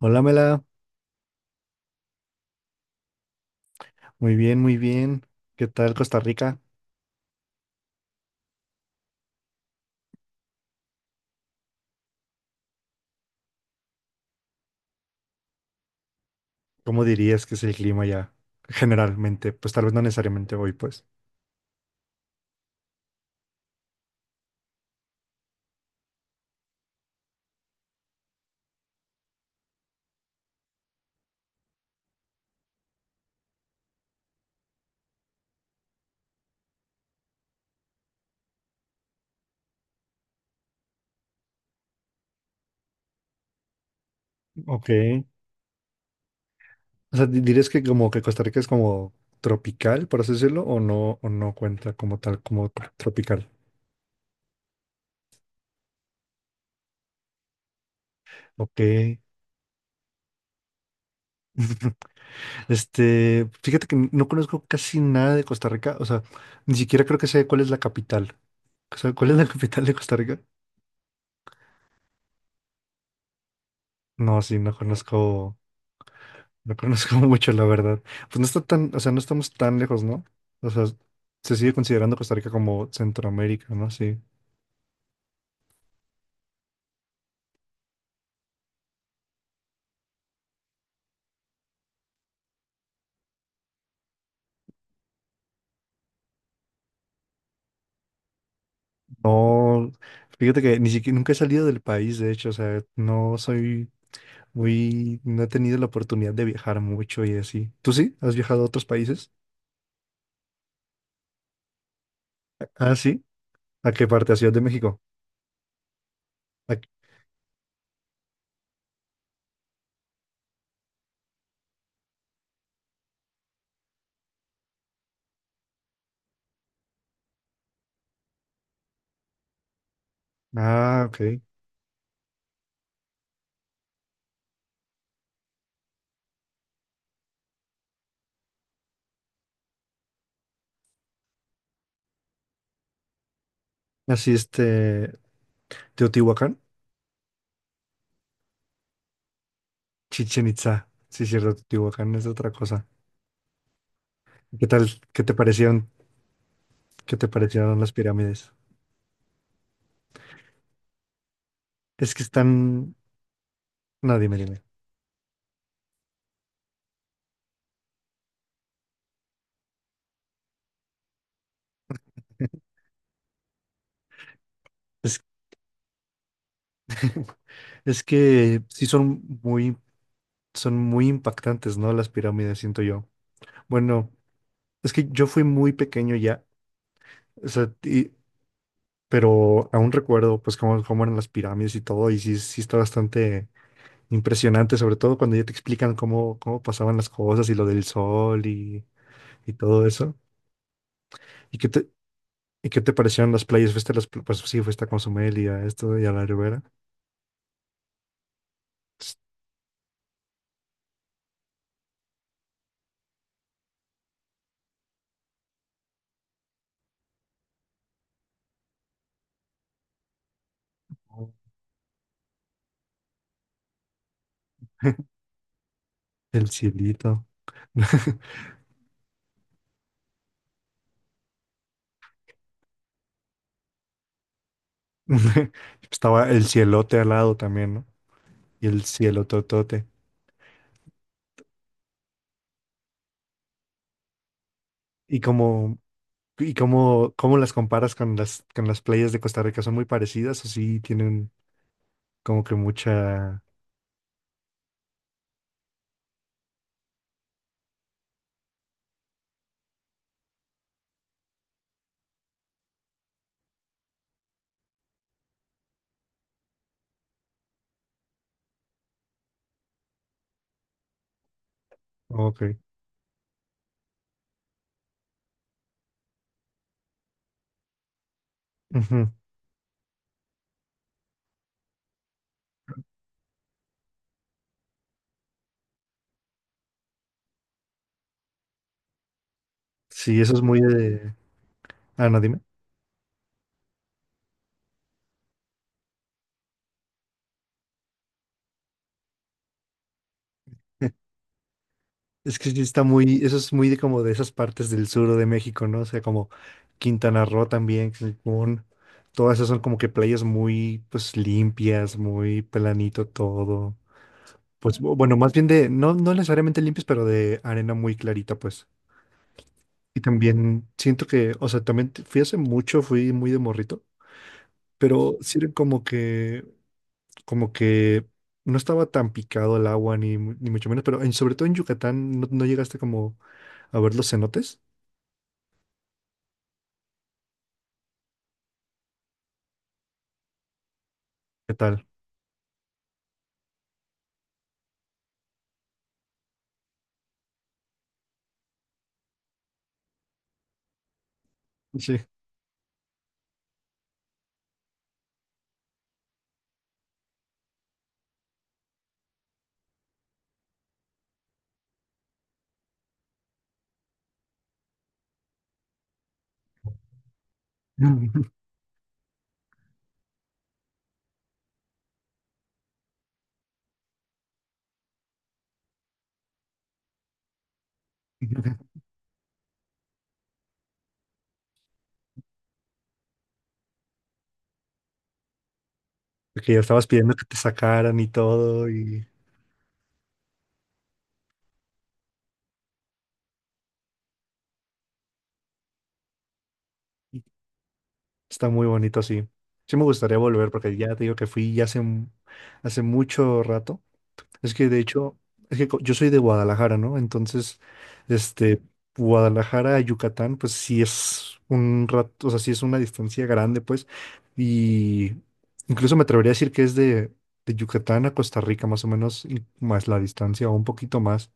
Hola, Mela. Muy bien, muy bien. ¿Qué tal Costa Rica? ¿Cómo dirías que es el clima ya generalmente? Pues tal vez no necesariamente hoy, pues. Ok. O sea, ¿dirías que como que Costa Rica es como tropical, por así decirlo, o no cuenta como tal, como tropical? Ok. Este, fíjate que no conozco casi nada de Costa Rica, o sea, ni siquiera creo que sé cuál es la capital. O sea, ¿cuál es la capital de Costa Rica? No, sí, no conozco. No conozco mucho, la verdad. Pues no está tan, o sea, no estamos tan lejos, ¿no? O sea, se sigue considerando Costa Rica como Centroamérica, ¿no? Sí. No, fíjate que ni siquiera nunca he salido del país, de hecho, o sea, no soy muy, no he tenido la oportunidad de viajar mucho y así. ¿Tú sí? ¿Has viajado a otros países? Ah, sí. ¿A qué parte? ¿A Ciudad de México? ¿A- Ah, ok. Así este, Teotihuacán, Chichen Itza. Sí, cierto, Teotihuacán es otra cosa. ¿Qué tal? ¿Qué te parecieron? ¿Qué te parecieron las pirámides? Es que están. No, dime, dime. Es, es que sí son muy impactantes, ¿no? Las pirámides, siento yo. Bueno, es que yo fui muy pequeño ya, o sea, pero aún recuerdo, pues, cómo, cómo eran las pirámides y todo, y sí, sí está bastante impresionante, sobre todo cuando ya te explican cómo, cómo pasaban las cosas y lo del sol y todo eso. ¿Y qué te, y qué te parecieron las playas? ¿Fuiste a las, pues sí, fuiste a Cozumel y a esto y a la Ribera? Estuvo El cielito. Estaba el cielote al lado también, ¿no? Y el cielo totote. ¿Y cómo, y cómo, cómo las comparas con las playas de Costa Rica? ¿Son muy parecidas o sí tienen como que mucha... Ok. Ujú. Sí, eso es muy de... Ah, no, dime. Es que sí está muy... Eso es muy de como de esas partes del sur de México, ¿no? O sea, como Quintana Roo también, Cancún. Todas esas son como que playas muy, pues, limpias, muy planito todo. Pues bueno, más bien de, no, no necesariamente limpias, pero de arena muy clarita, pues. Y también siento que, o sea, también fui hace mucho, fui muy de morrito, pero sí era como que no estaba tan picado el agua, ni, ni mucho menos, pero en, sobre todo en Yucatán, ¿no, no llegaste como a ver los cenotes? ¿Qué tal? Sí. Que ya estabas pidiendo que te sacaran y todo, y está muy bonito así. Sí me gustaría volver, porque ya te digo que fui ya hace, hace mucho rato. Es que de hecho, es que yo soy de Guadalajara, ¿no? Entonces, este, Guadalajara a Yucatán, pues sí es un rato, o sea, sí es una distancia grande, pues. Y incluso me atrevería a decir que es de Yucatán a Costa Rica, más o menos, y más la distancia, o un poquito más.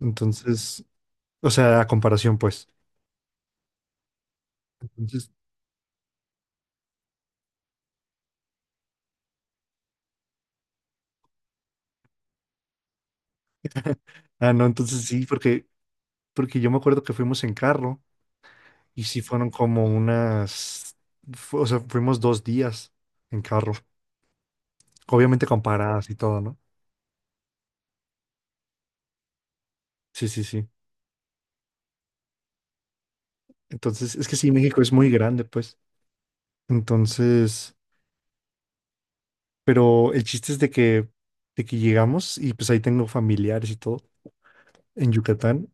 Entonces, o sea, a comparación, pues. Entonces, ah, no, entonces sí, porque, porque yo me acuerdo que fuimos en carro y sí fueron como unas, o sea, fuimos 2 días en carro. Obviamente comparadas y todo, ¿no? Sí, sí, sí. Entonces, es que sí, México es muy grande, pues. Entonces, pero el chiste es de que llegamos y pues ahí tengo familiares y todo en Yucatán.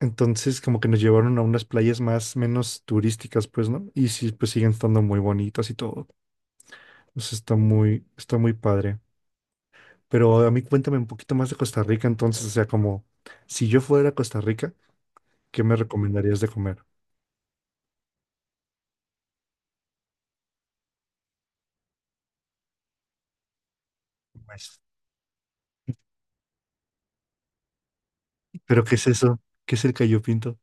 Entonces, como que nos llevaron a unas playas más, menos turísticas, pues, ¿no? Y sí, pues siguen estando muy bonitas y todo. Pues está muy padre. Pero a mí cuéntame un poquito más de Costa Rica, entonces, o sea, como si yo fuera a Costa Rica, ¿qué me recomendarías de comer? Pues, ¿pero qué es eso? ¿Qué es el gallo pinto?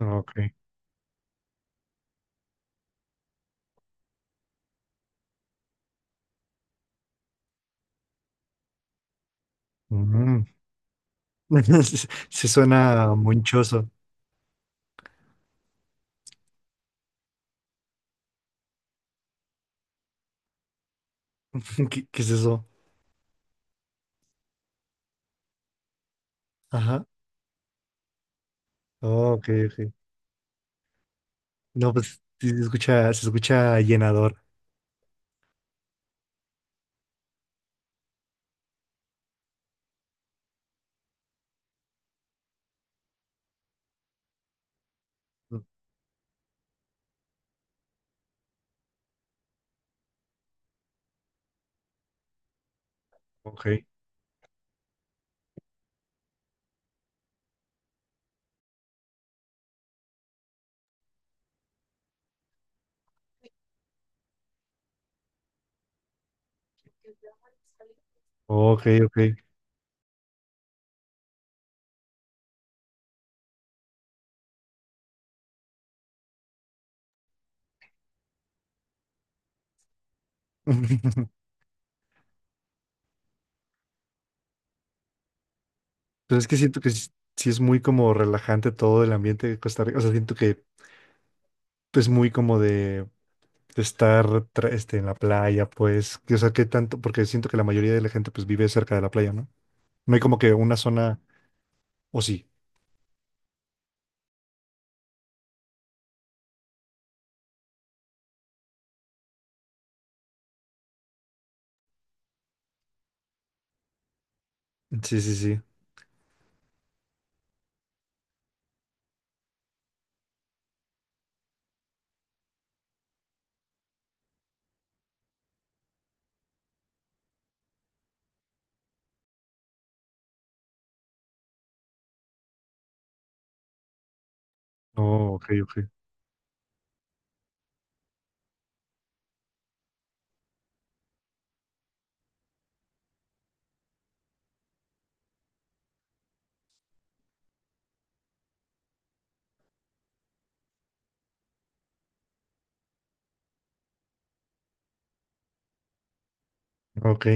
Ok. Mm. Se suena monchoso. ¿Qué, qué es eso? Ajá. Ok, ok. No, pues sí se escucha llenador. Ok, ok, ok. Pero es que siento que sí es muy como relajante todo el ambiente de Costa Rica. O sea, siento que es muy como de estar este, en la playa, pues. Que, O sea, que tanto, porque siento que la mayoría de la gente pues vive cerca de la playa, ¿no? No hay como que una zona, o sí. Sí, sí, sí. Oh, ok, ok. Ok.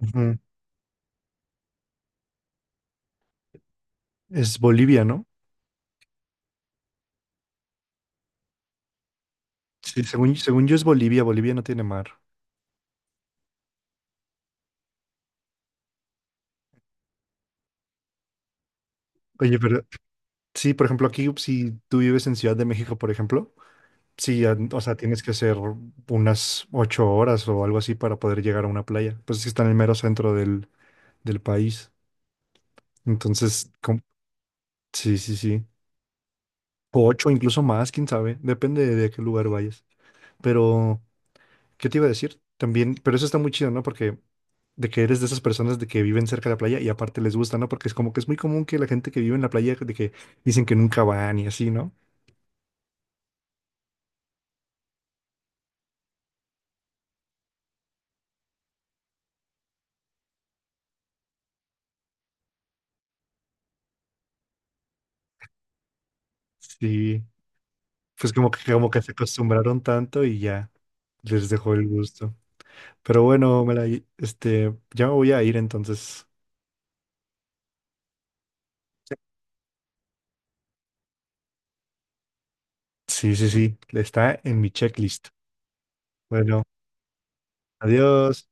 Ujú. Es Bolivia, ¿no? Sí, según, según yo es Bolivia, Bolivia no tiene mar. Oye, pero sí, por ejemplo, aquí si tú vives en Ciudad de México, por ejemplo, sí, an- o sea, tienes que hacer unas 8 horas o algo así para poder llegar a una playa. Pues es que está en el mero centro del, del país. Entonces, com- sí, sí, sí. O 8, incluso más, quién sabe. Depende de, a qué lugar vayas. Pero, ¿qué te iba a decir? También, pero eso está muy chido, ¿no? Porque de que eres de esas personas de que viven cerca de la playa y aparte les gusta, ¿no? Porque es como que es muy común que la gente que vive en la playa de que dicen que nunca van y así, ¿no? Sí, pues como que se acostumbraron tanto y ya les dejó el gusto. Pero bueno, Melay, este, ya me voy a ir entonces. Sí, sí, sí, está en mi checklist. Bueno, adiós.